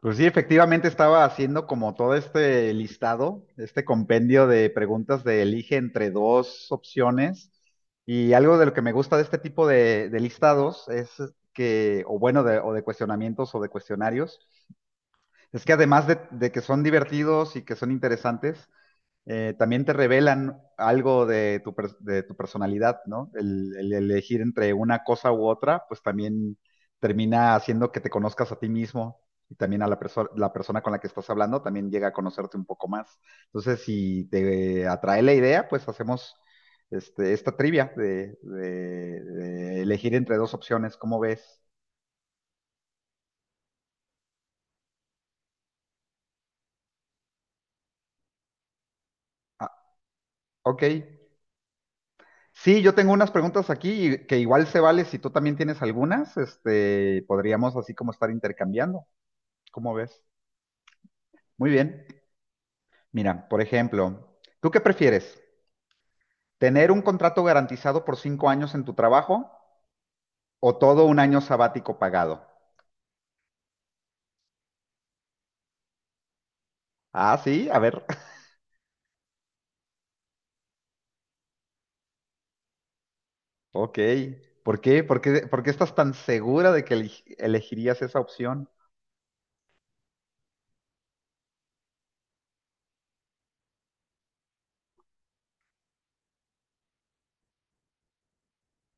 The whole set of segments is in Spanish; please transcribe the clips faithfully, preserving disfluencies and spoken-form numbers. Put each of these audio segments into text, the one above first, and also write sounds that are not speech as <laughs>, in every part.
Pues sí, efectivamente estaba haciendo como todo este listado, este compendio de preguntas de elige entre dos opciones. Y algo de lo que me gusta de este tipo de, de listados es que, o bueno, de, o de cuestionamientos o de cuestionarios, es que además de, de que son divertidos y que son interesantes, eh, también te revelan algo de tu, pers- de tu personalidad, ¿no? El, el elegir entre una cosa u otra, pues también termina haciendo que te conozcas a ti mismo y también a la, perso- la persona con la que estás hablando también llega a conocerte un poco más. Entonces, si te atrae la idea, pues hacemos este, esta trivia de, de- de elegir entre dos opciones, ¿cómo ves? Ah, ok. Sí, yo tengo unas preguntas aquí y que igual se vale si tú también tienes algunas, este, podríamos así como estar intercambiando. ¿Cómo ves? Muy bien. Mira, por ejemplo, ¿tú qué prefieres? ¿Tener un contrato garantizado por cinco años en tu trabajo o todo un año sabático pagado? Ah, sí, a ver. <laughs> Ok. ¿Por qué? ¿Por qué, por qué estás tan segura de que elegi- elegirías esa opción?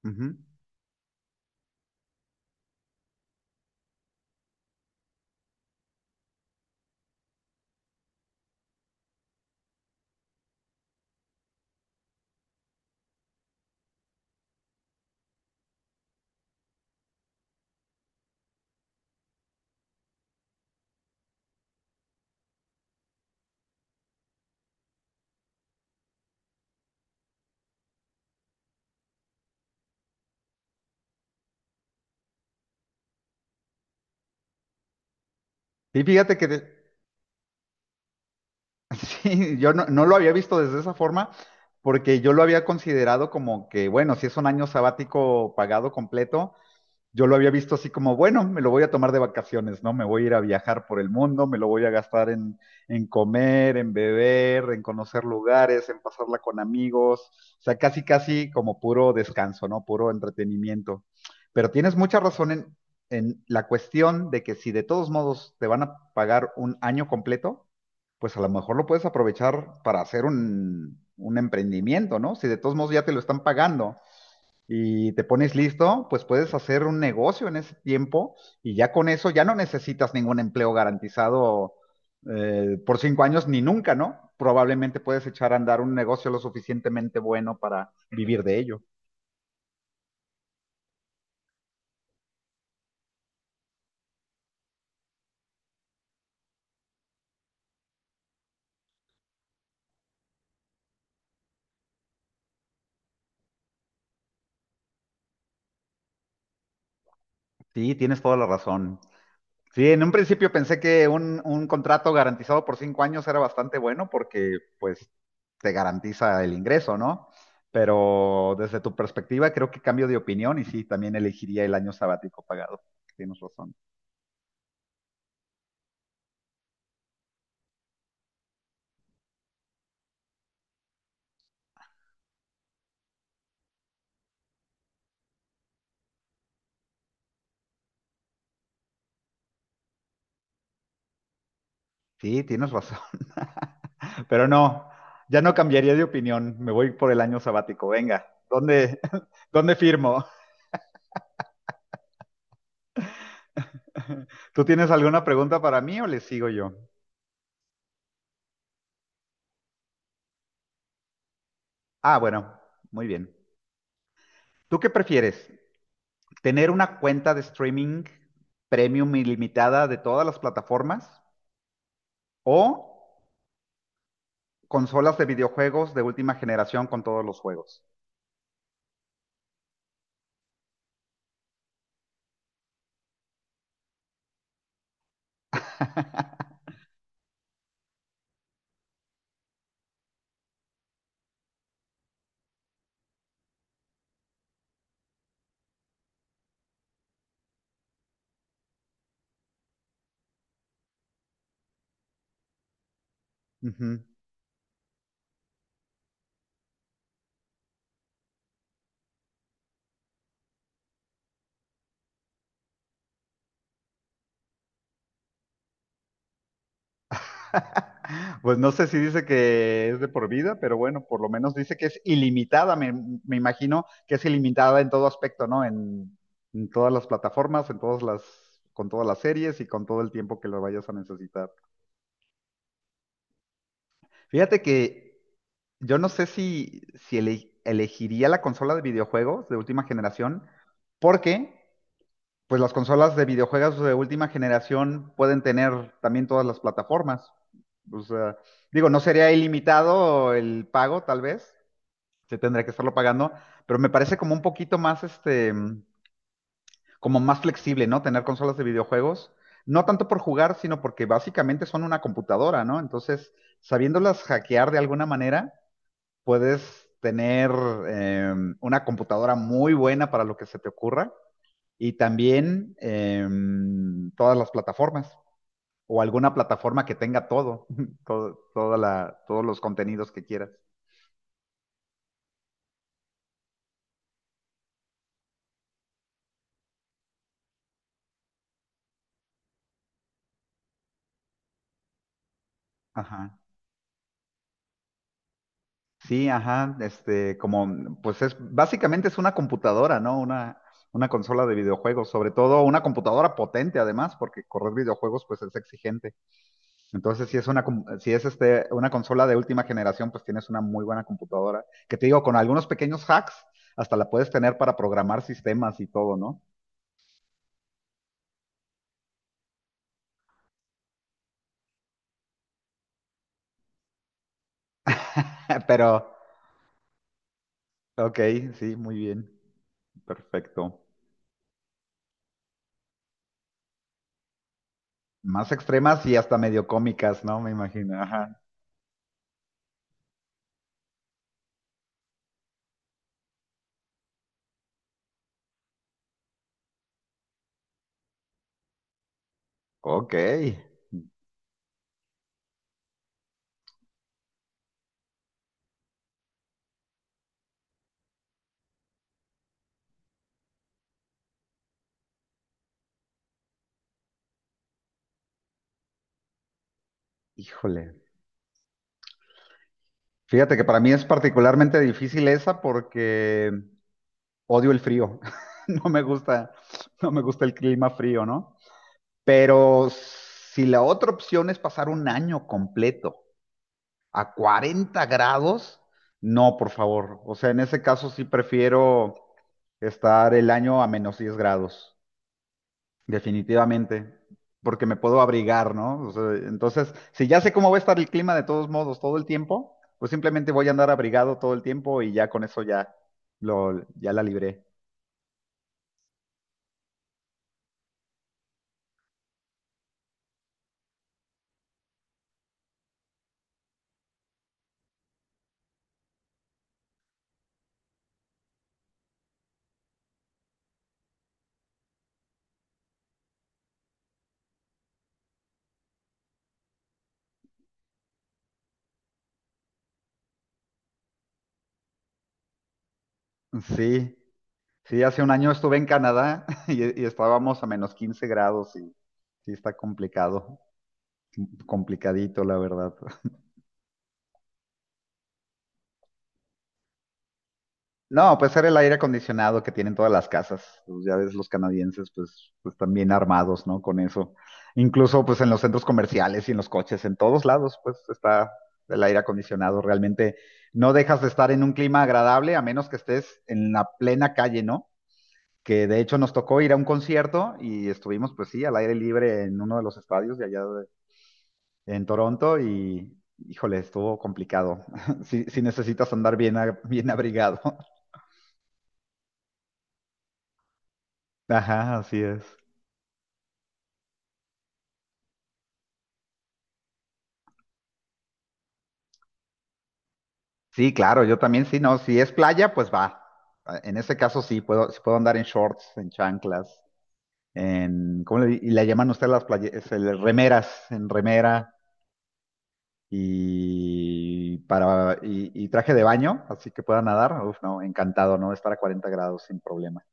Ujú. Sí, fíjate que de- <laughs> Sí, yo no, no lo había visto desde esa forma porque yo lo había considerado como que, bueno, si es un año sabático pagado completo, yo lo había visto así como, bueno, me lo voy a tomar de vacaciones, ¿no? Me voy a ir a viajar por el mundo, me lo voy a gastar en, en comer, en beber, en conocer lugares, en pasarla con amigos, o sea, casi, casi como puro descanso, ¿no? Puro entretenimiento. Pero tienes mucha razón en, en la cuestión de que si de todos modos te van a pagar un año completo, pues a lo mejor lo puedes aprovechar para hacer un, un emprendimiento, ¿no? Si de todos modos ya te lo están pagando y te pones listo, pues puedes hacer un negocio en ese tiempo y ya con eso ya no necesitas ningún empleo garantizado eh, por cinco años ni nunca, ¿no? Probablemente puedes echar a andar un negocio lo suficientemente bueno para vivir de ello. Sí, tienes toda la razón. Sí, en un principio pensé que un, un contrato garantizado por cinco años era bastante bueno porque pues te garantiza el ingreso, ¿no? Pero desde tu perspectiva creo que cambio de opinión y sí, también elegiría el año sabático pagado. Tienes razón. Sí, tienes razón. <laughs> Pero no, ya no cambiaría de opinión. Me voy por el año sabático. Venga, ¿dónde, <laughs> dónde firmo? <laughs> ¿Tú tienes alguna pregunta para mí o le sigo yo? Ah, bueno, muy bien. ¿Tú qué prefieres? ¿Tener una cuenta de streaming premium ilimitada de todas las plataformas o consolas de videojuegos de última generación con todos los juegos? Ujú. <laughs> Pues no sé si dice que es de por vida, pero bueno, por lo menos dice que es ilimitada. Me, me imagino que es ilimitada en todo aspecto, ¿no? En, en todas las plataformas, en todas las, con todas las series y con todo el tiempo que lo vayas a necesitar. Fíjate que yo no sé si, si ele- elegiría la consola de videojuegos de última generación, porque pues las consolas de videojuegos de última generación pueden tener también todas las plataformas. O sea, digo, no sería ilimitado el pago, tal vez, se tendría que estarlo pagando, pero me parece como un poquito más, este, como más flexible, ¿no? Tener consolas de videojuegos, no tanto por jugar, sino porque básicamente son una computadora, ¿no? Entonces, sabiéndolas hackear de alguna manera, puedes tener eh, una computadora muy buena para lo que se te ocurra y también em, todas las plataformas o alguna plataforma que tenga todo, <laughs> todo, toda la, todos los contenidos que quieras. Ajá. Sí, ajá, este, como, pues es, básicamente es una computadora, ¿no? Una, una consola de videojuegos, sobre todo una computadora potente además, porque correr videojuegos pues es exigente. Entonces, si es una, com- si es este, una consola de última generación, pues tienes una muy buena computadora, que te digo, con algunos pequeños hacks, hasta la puedes tener para programar sistemas y todo, ¿no? <laughs> Pero, ok, sí, muy bien. Perfecto. Más extremas y hasta medio cómicas, ¿no? Me imagino. Ajá. Ok. Híjole. Fíjate que para mí es particularmente difícil esa porque odio el frío. <laughs> No me gusta, no me gusta el clima frío, ¿no? Pero si la otra opción es pasar un año completo a cuarenta grados, no, por favor. O sea, en ese caso sí prefiero estar el año a menos diez grados. Definitivamente, porque me puedo abrigar, ¿no? O sea, entonces, si ya sé cómo va a estar el clima de todos modos todo el tiempo, pues simplemente voy a andar abrigado todo el tiempo y ya con eso ya lo, ya la libré. Sí, sí, hace un año estuve en Canadá <laughs> y, y estábamos a menos quince grados y sí está complicado, complicadito, la verdad. No, pues era el aire acondicionado que tienen todas las casas. Pues ya ves, los canadienses, pues, pues están bien armados, ¿no? Con eso. Incluso, pues, en los centros comerciales y en los coches, en todos lados, pues, está el aire acondicionado. Realmente no dejas de estar en un clima agradable a menos que estés en la plena calle, ¿no? Que de hecho nos tocó ir a un concierto y estuvimos, pues sí, al aire libre en uno de los estadios de allá de- en Toronto y, híjole, estuvo complicado. <laughs> Si necesitas andar bien, a- bien abrigado. <laughs> Ajá, así es. Sí, claro, yo también sí, no, si es playa, pues va. Ah, en ese caso sí, puedo, sí puedo andar en shorts, en chanclas, en, ¿cómo le, di- y le llaman ustedes las playas? Remeras, en remera y para, y, y traje de baño, así que pueda nadar. Uf, no, encantado, ¿no? Estar a cuarenta grados sin problema.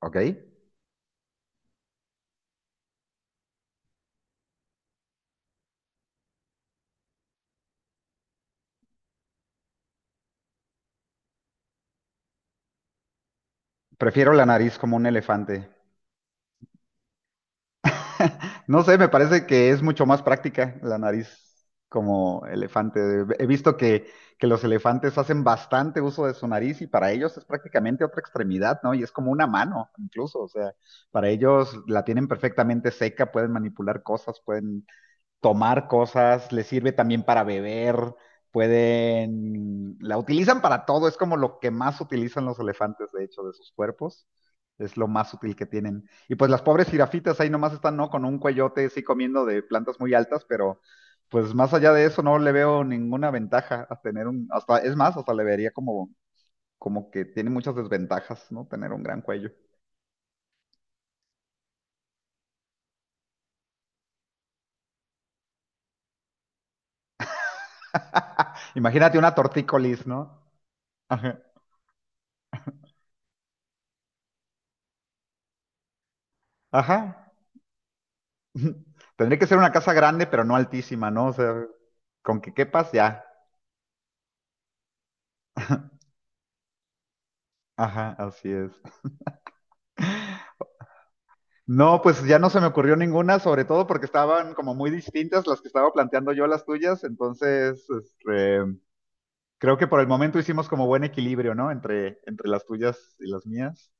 ¿Ok? Prefiero la nariz como un elefante. No sé, me parece que es mucho más práctica la nariz como elefante. He visto que, que los elefantes hacen bastante uso de su nariz y para ellos es prácticamente otra extremidad, ¿no? Y es como una mano, incluso. O sea, para ellos la tienen perfectamente seca, pueden manipular cosas, pueden tomar cosas, les sirve también para beber, pueden, la utilizan para todo, es como lo que más utilizan los elefantes, de hecho, de sus cuerpos, es lo más útil que tienen. Y pues las pobres jirafitas ahí nomás están, ¿no? Con un cuellote, sí, comiendo de plantas muy altas, pero pues más allá de eso no le veo ninguna ventaja a tener un, hasta, es más, hasta le vería como, como que tiene muchas desventajas, ¿no? Tener un gran cuello. <laughs> Imagínate una tortícolis, ¿no? Ajá. Ajá. <laughs> Tendría que ser una casa grande, pero no altísima, ¿no? O sea, con que quepas ya. <laughs> Ajá, así es. No, pues ya no se me ocurrió ninguna, sobre todo porque estaban como muy distintas las que estaba planteando yo a las tuyas, entonces este, creo que por el momento hicimos como buen equilibrio, ¿no? Entre, entre las tuyas y las mías.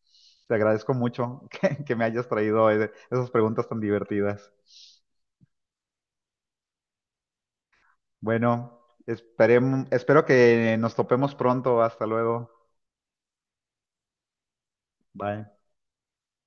Te agradezco mucho <laughs> que, que me hayas traído eh, esas preguntas tan divertidas. Bueno, esperem- espero que nos topemos pronto. Hasta luego. Bye.